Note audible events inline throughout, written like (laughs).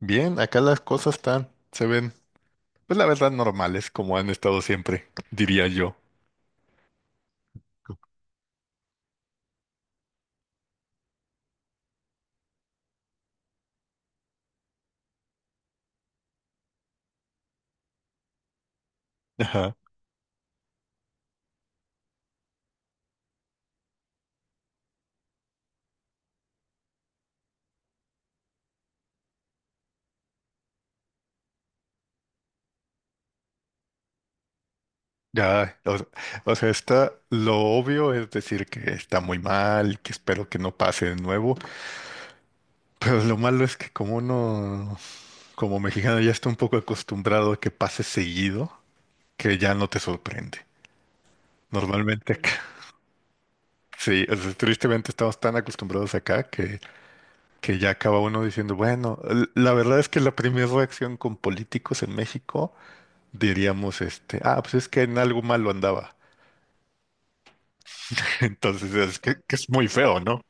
Bien, acá las cosas están, se ven, pues la verdad, normales, como han estado siempre, diría yo. Ajá. Ya, o sea, lo obvio es decir que está muy mal, que espero que no pase de nuevo, pero lo malo es que como uno, como mexicano, ya está un poco acostumbrado a que pase seguido, que ya no te sorprende. Normalmente. (laughs) Sí, o sea, tristemente estamos tan acostumbrados acá que, ya acaba uno diciendo, bueno, la verdad es que la primera reacción con políticos en México diríamos, pues es que en algo malo andaba. (laughs) Entonces es que es muy feo, ¿no?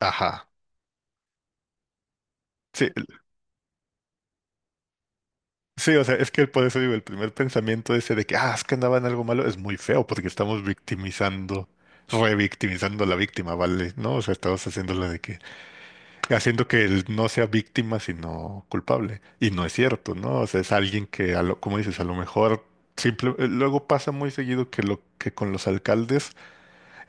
Ajá. Sí, sí, o sea, es que por eso digo, el primer pensamiento ese de que, es que andaba en algo malo es muy feo porque estamos victimizando, revictimizando a la víctima, ¿vale? ¿No? O sea, estamos haciéndolo de que haciendo que él no sea víctima, sino culpable. Y no es cierto, ¿no? O sea, es alguien que, como dices, a lo mejor simple, luego pasa muy seguido que lo que con los alcaldes,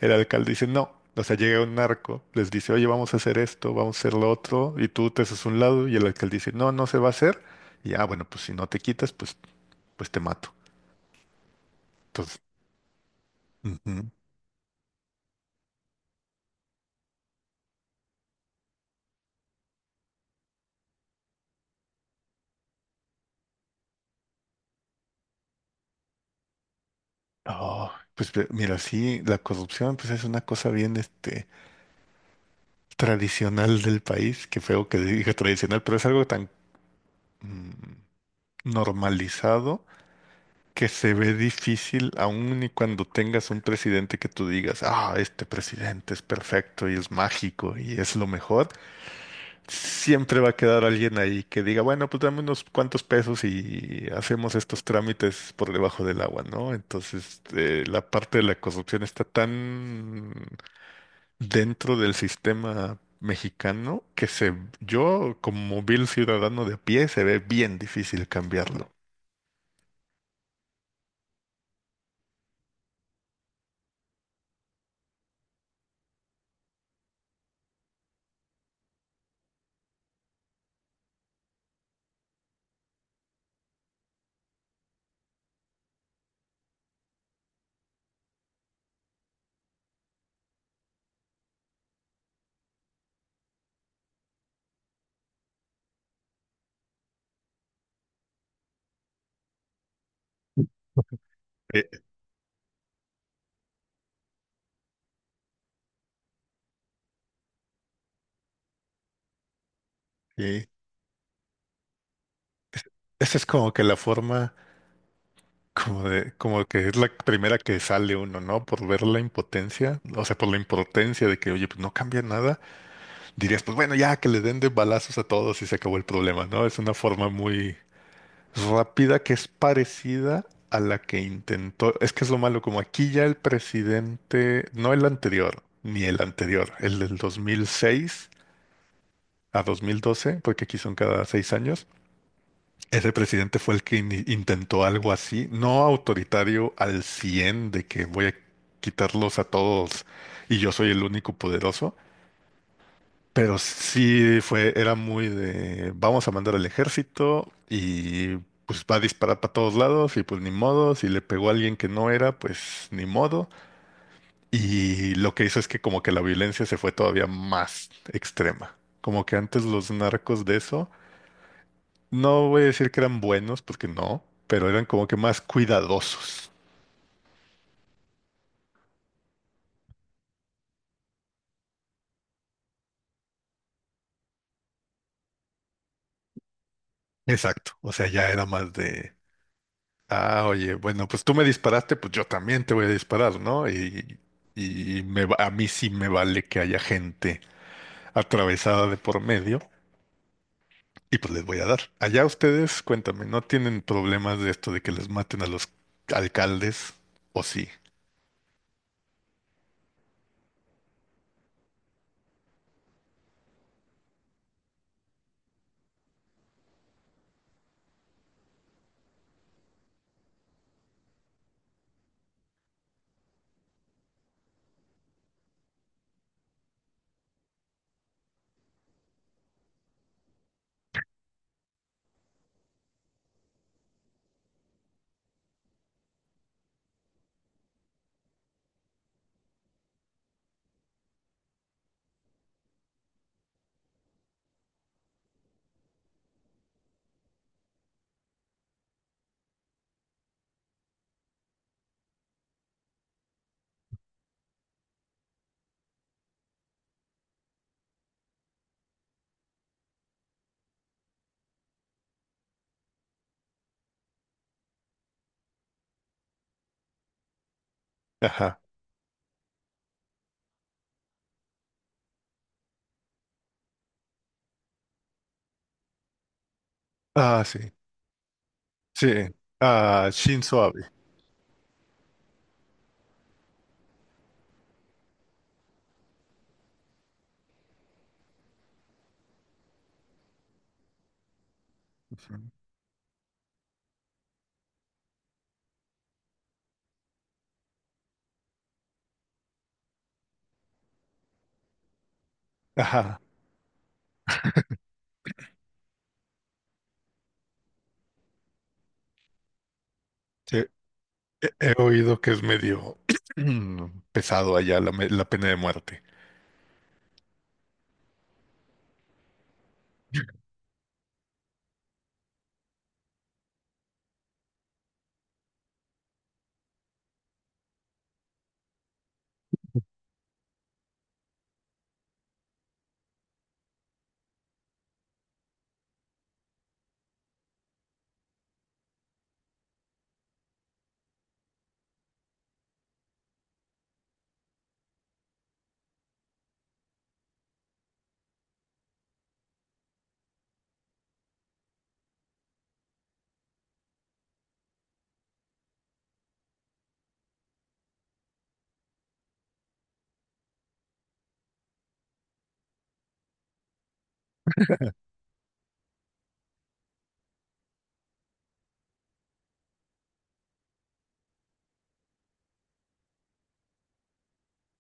el alcalde dice no. O sea, llega un narco, les dice, oye, vamos a hacer esto, vamos a hacer lo otro, y tú te haces un lado, y el alcalde dice, no, no se va a hacer. Y bueno, pues si no te quitas, pues te mato. Entonces. Ujú. Oh, pues mira, sí, la corrupción, pues es una cosa bien, tradicional del país, qué feo que diga tradicional, pero es algo tan mm, normalizado que se ve difícil aun y cuando tengas un presidente que tú digas, este presidente es perfecto y es mágico y es lo mejor, siempre va a quedar alguien ahí que diga, bueno, pues dame unos cuantos pesos y hacemos estos trámites por debajo del agua, ¿no? Entonces, la parte de la corrupción está tan dentro del sistema mexicano yo como vil ciudadano de a pie se ve bien difícil cambiarlo. Eh, sí. Es- Esa es como que la forma, como de, como que es la primera que sale uno, ¿no? Por ver la impotencia, o sea, por la impotencia de que, oye, pues no cambia nada, dirías, pues bueno, ya que le den de balazos a todos y se acabó el problema, ¿no? Es una forma muy rápida que es parecida a la que intentó. Es que es lo malo, como aquí ya el presidente, no el anterior, ni el anterior, el del 2006 a 2012, porque aquí son cada 6 años. Ese presidente fue el que intentó algo así, no autoritario al 100 de que voy a quitarlos a todos y yo soy el único poderoso. Pero sí fue, era muy de vamos a mandar al ejército y pues va a disparar para todos lados y pues ni modo, si le pegó a alguien que no era, pues ni modo. Y lo que hizo es que como que la violencia se fue todavía más extrema. Como que antes los narcos de eso, no voy a decir que eran buenos, porque no, pero eran como que más cuidadosos. Exacto, o sea, ya era más de... Ah, oye, bueno, pues tú me disparaste, pues yo también te voy a disparar, ¿no? Y a mí sí me vale que haya gente atravesada de por medio y pues les voy a dar. Allá ustedes, cuéntame, ¿no tienen problemas de esto de que les maten a los alcaldes? ¿O sí? Ajá. Ah, sí. Sí. Ah, Shinzo Abe. Ujú. Ajá. Sí. He oído que es medio (clears throat) pesado allá la pena de muerte.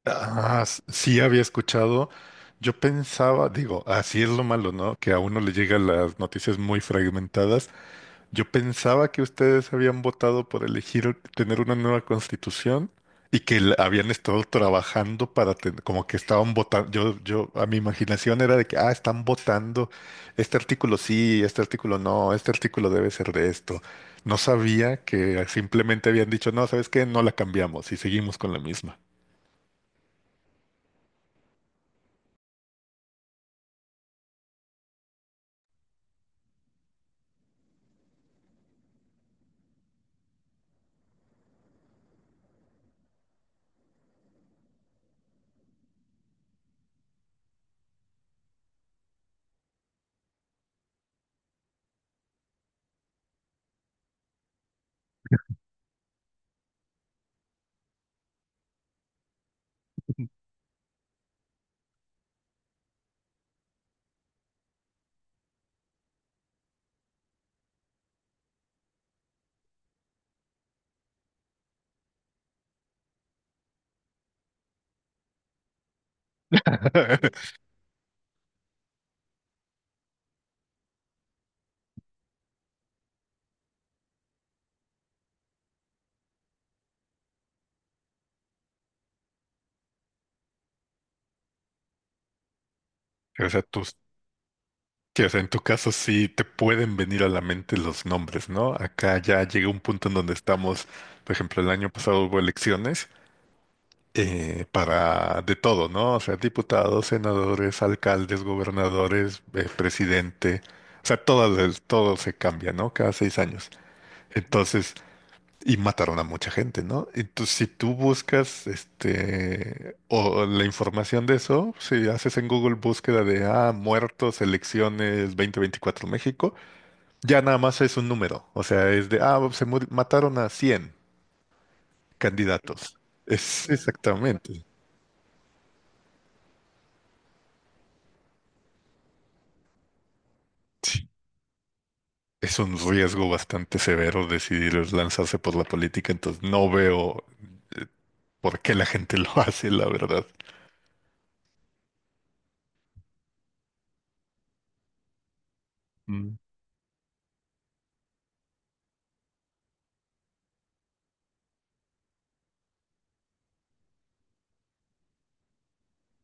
Ah, sí había escuchado. Yo pensaba, digo, así es lo malo, ¿no? Que a uno le llegan las noticias muy fragmentadas. Yo pensaba que ustedes habían votado por elegir tener una nueva constitución y que habían estado trabajando para tener, como que estaban votando. A mi imaginación era de que, están votando. Este artículo sí, este artículo no, este artículo debe ser de esto. No sabía que simplemente habían dicho, no, ¿sabes qué? No la cambiamos y seguimos con la misma. (laughs) O sea, o sea, en tu caso sí te pueden venir a la mente los nombres, ¿no? Acá ya llega un punto en donde estamos, por ejemplo, el año pasado hubo elecciones para de todo, ¿no? O sea, diputados, senadores, alcaldes, gobernadores, presidente, o sea, todo, todo se cambia, ¿no? Cada 6 años. Entonces, y mataron a mucha gente, ¿no? Entonces, si tú buscas este o la información de eso, si haces en Google búsqueda de muertos, elecciones 2024 México, ya nada más es un número. O sea, es de se mataron a 100 candidatos. Es exactamente. Sí. Es un riesgo bastante severo decidir lanzarse por la política, entonces no veo eh, por qué la gente (laughs) lo hace, la verdad.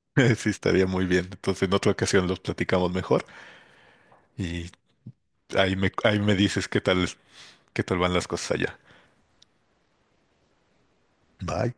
(laughs) Sí, estaría muy bien. Entonces, en otra ocasión los platicamos mejor y ahí me dices qué tal van las cosas allá. Bye.